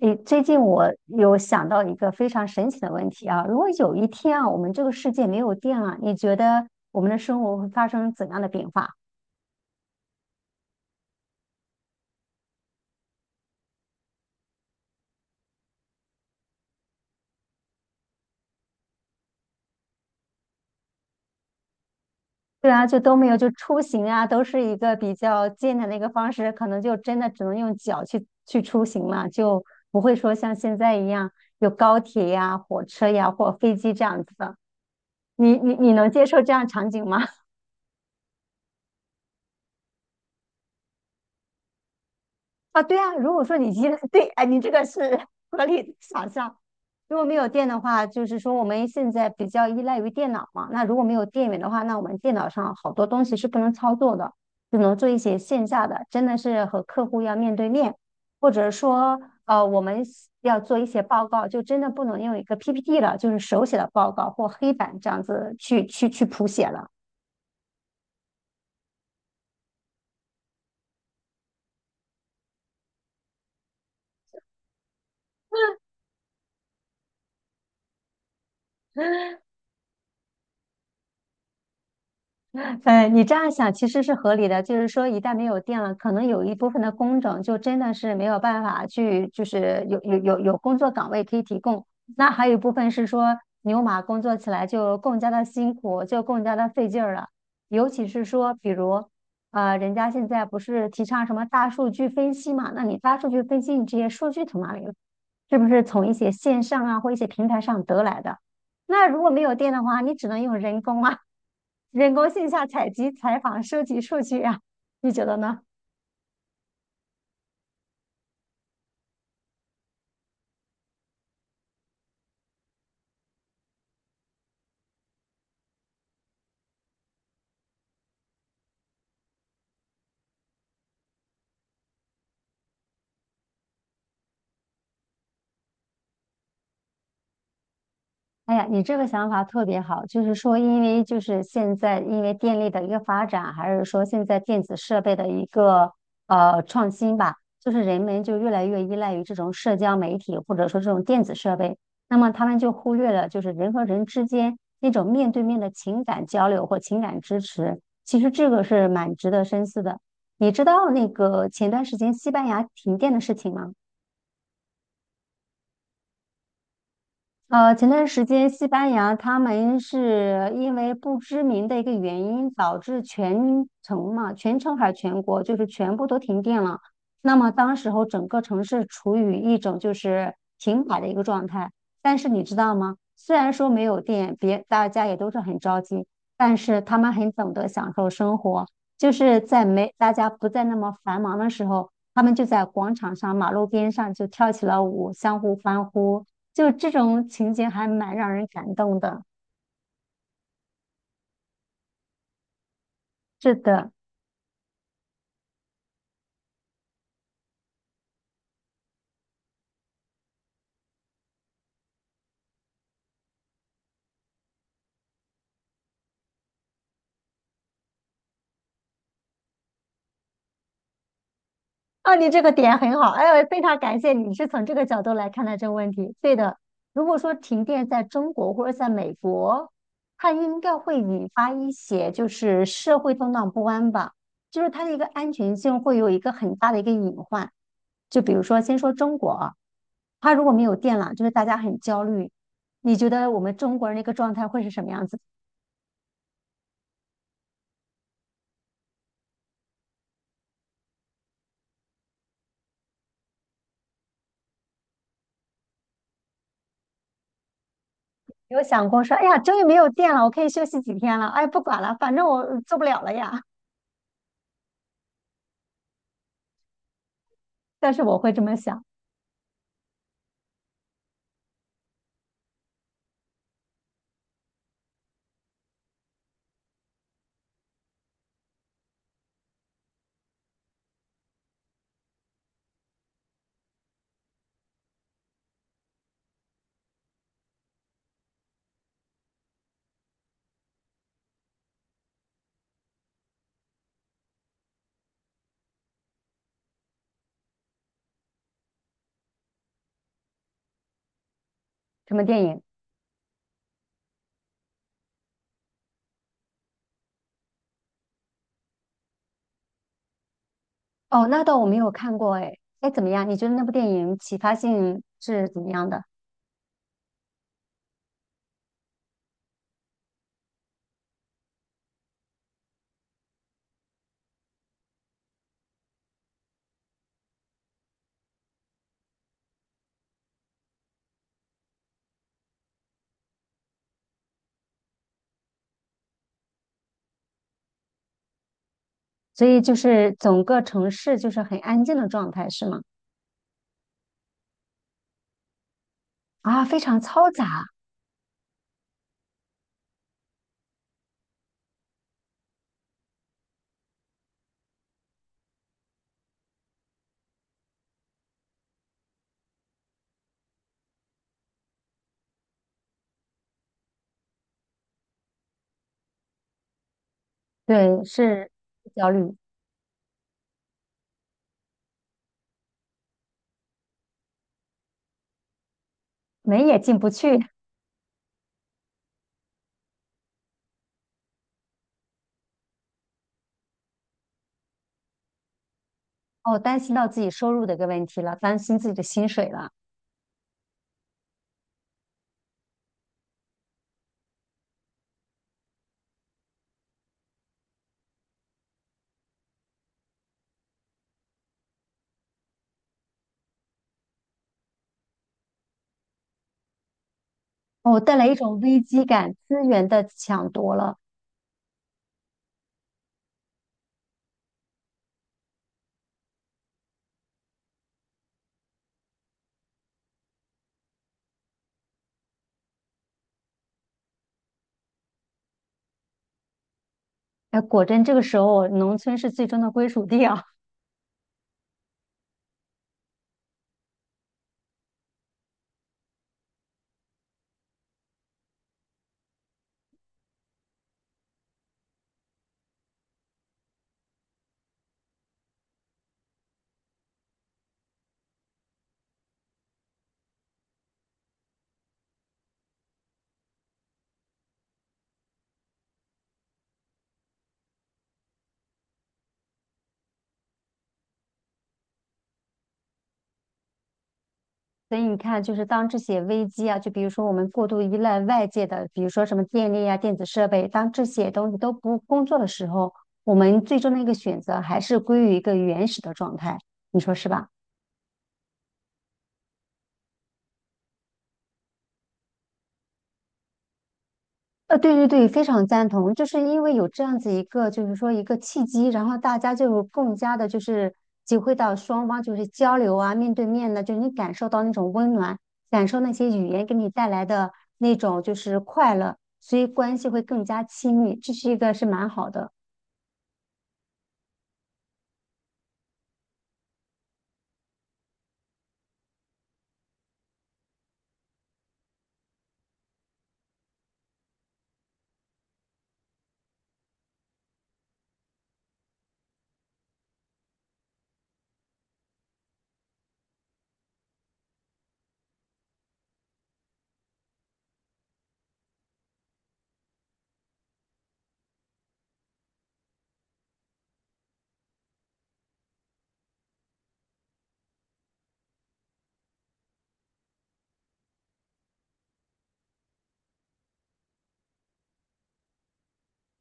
诶，最近我有想到一个非常神奇的问题啊，如果有一天啊，我们这个世界没有电了，你觉得我们的生活会发生怎样的变化？对啊，就都没有，就出行啊，都是一个比较艰难的一个方式，可能就真的只能用脚去出行了，就不会说像现在一样有高铁呀、火车呀或飞机这样子的。你能接受这样场景吗？啊，对啊，如果说你依赖，对，哎，你这个是合理的想象。如果没有电的话，就是说我们现在比较依赖于电脑嘛。那如果没有电源的话，那我们电脑上好多东西是不能操作的，只能做一些线下的，真的是和客户要面对面，或者说我们要做一些报告，就真的不能用一个 PPT 了，就是手写的报告或黑板这样子去谱写了。哎，你这样想其实是合理的，就是说一旦没有电了，可能有一部分的工种就真的是没有办法去，就是有工作岗位可以提供。那还有一部分是说牛马工作起来就更加的辛苦，就更加的费劲儿了。尤其是说，比如，人家现在不是提倡什么大数据分析嘛？那你大数据分析，你这些数据从哪里来？是不是从一些线上啊或一些平台上得来的？那如果没有电的话，你只能用人工啊。人工线下采集、采访、收集数据啊，你觉得呢？哎呀，你这个想法特别好，就是说，因为就是现在因为电力的一个发展，还是说现在电子设备的一个创新吧，就是人们就越来越依赖于这种社交媒体或者说这种电子设备，那么他们就忽略了就是人和人之间那种面对面的情感交流或情感支持，其实这个是蛮值得深思的。你知道那个前段时间西班牙停电的事情吗？前段时间西班牙他们是因为不知名的一个原因，导致全城嘛，全城还是全国，就是全部都停电了。那么当时候整个城市处于一种就是停摆的一个状态。但是你知道吗？虽然说没有电，别大家也都是很着急，但是他们很懂得享受生活，就是在没大家不再那么繁忙的时候，他们就在广场上、马路边上就跳起了舞，相互欢呼。就这种情节还蛮让人感动的。是的，啊，你这个点很好，哎呦，非常感谢你是从这个角度来看待这个问题。对的，如果说停电在中国或者在美国，它应该会引发一些就是社会动荡不安吧，就是它的一个安全性会有一个很大的一个隐患。就比如说，先说中国啊，它如果没有电了，就是大家很焦虑。你觉得我们中国人的一个状态会是什么样子的？有想过说，哎呀，终于没有电了，我可以休息几天了。哎，不管了，反正我做不了了呀。但是我会这么想，什么电影？哦，那倒我没有看过哎。哎，怎么样？你觉得那部电影启发性是怎么样的？所以就是整个城市就是很安静的状态，是吗？啊，非常嘈杂，对，是焦虑，门也进不去。哦，担心到自己收入的一个问题了，担心自己的薪水了。哦，带来一种危机感，资源的抢夺了。哎，果真这个时候，农村是最终的归属地啊。所以你看，就是当这些危机啊，就比如说我们过度依赖外界的，比如说什么电力啊、电子设备，当这些东西都不工作的时候，我们最终的一个选择还是归于一个原始的状态，你说是吧？对对对，非常赞同，就是因为有这样子一个，就是说一个契机，然后大家就更加的，就是体会到双方就是交流啊，面对面的，就是你感受到那种温暖，感受那些语言给你带来的那种就是快乐，所以关系会更加亲密，这是一个是蛮好的。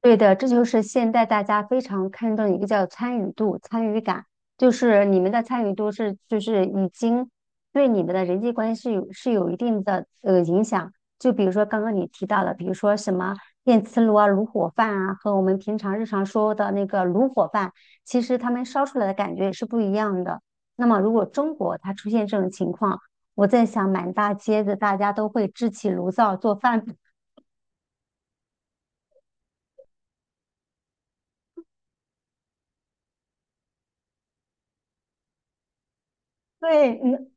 对的，这就是现在大家非常看重的一个叫参与度、参与感，就是你们的参与度是就是已经对你们的人际关系有是有一定的影响。就比如说刚刚你提到的，比如说什么电磁炉啊、炉火饭啊，和我们平常日常说的那个炉火饭，其实他们烧出来的感觉也是不一样的。那么如果中国它出现这种情况，我在想满大街的大家都会支起炉灶做饭。对，嗯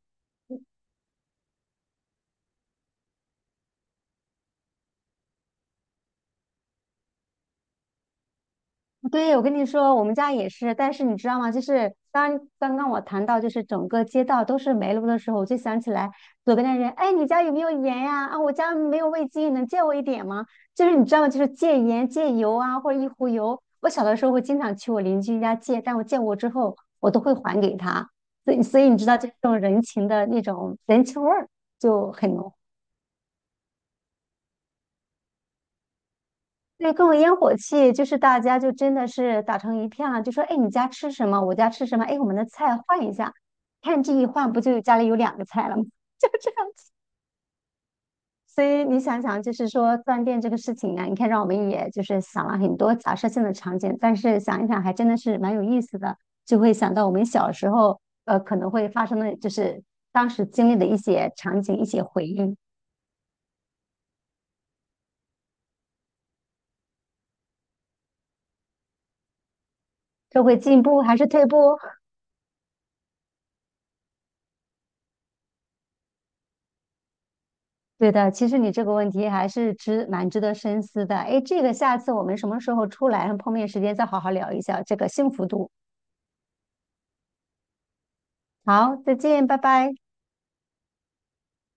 对，我跟你说，我们家也是，但是你知道吗？就是当刚刚我谈到就是整个街道都是煤炉的时候，我就想起来左边的人，哎，你家有没有盐呀？啊，我家没有味精，能借我一点吗？就是你知道吗？就是借盐、借油啊，或者一壶油。我小的时候会经常去我邻居家借，但我借过之后，我都会还给他。所以，所以你知道这种人情的那种人情味儿就很浓。对，各种烟火气，就是大家就真的是打成一片了，就说，哎，你家吃什么？我家吃什么？哎，我们的菜换一下，看这一换，不就家里有两个菜了吗？就这样子。所以你想想，就是说断电这个事情啊，你看让我们也就是想了很多假设性的场景，但是想一想还真的是蛮有意思的，就会想到我们小时候可能会发生的，就是当时经历的一些场景、一些回忆，社会进步还是退步？对的，其实你这个问题还是值蛮值得深思的。哎，这个下次我们什么时候出来碰面时间再好好聊一下这个幸福度。好，再见，拜拜。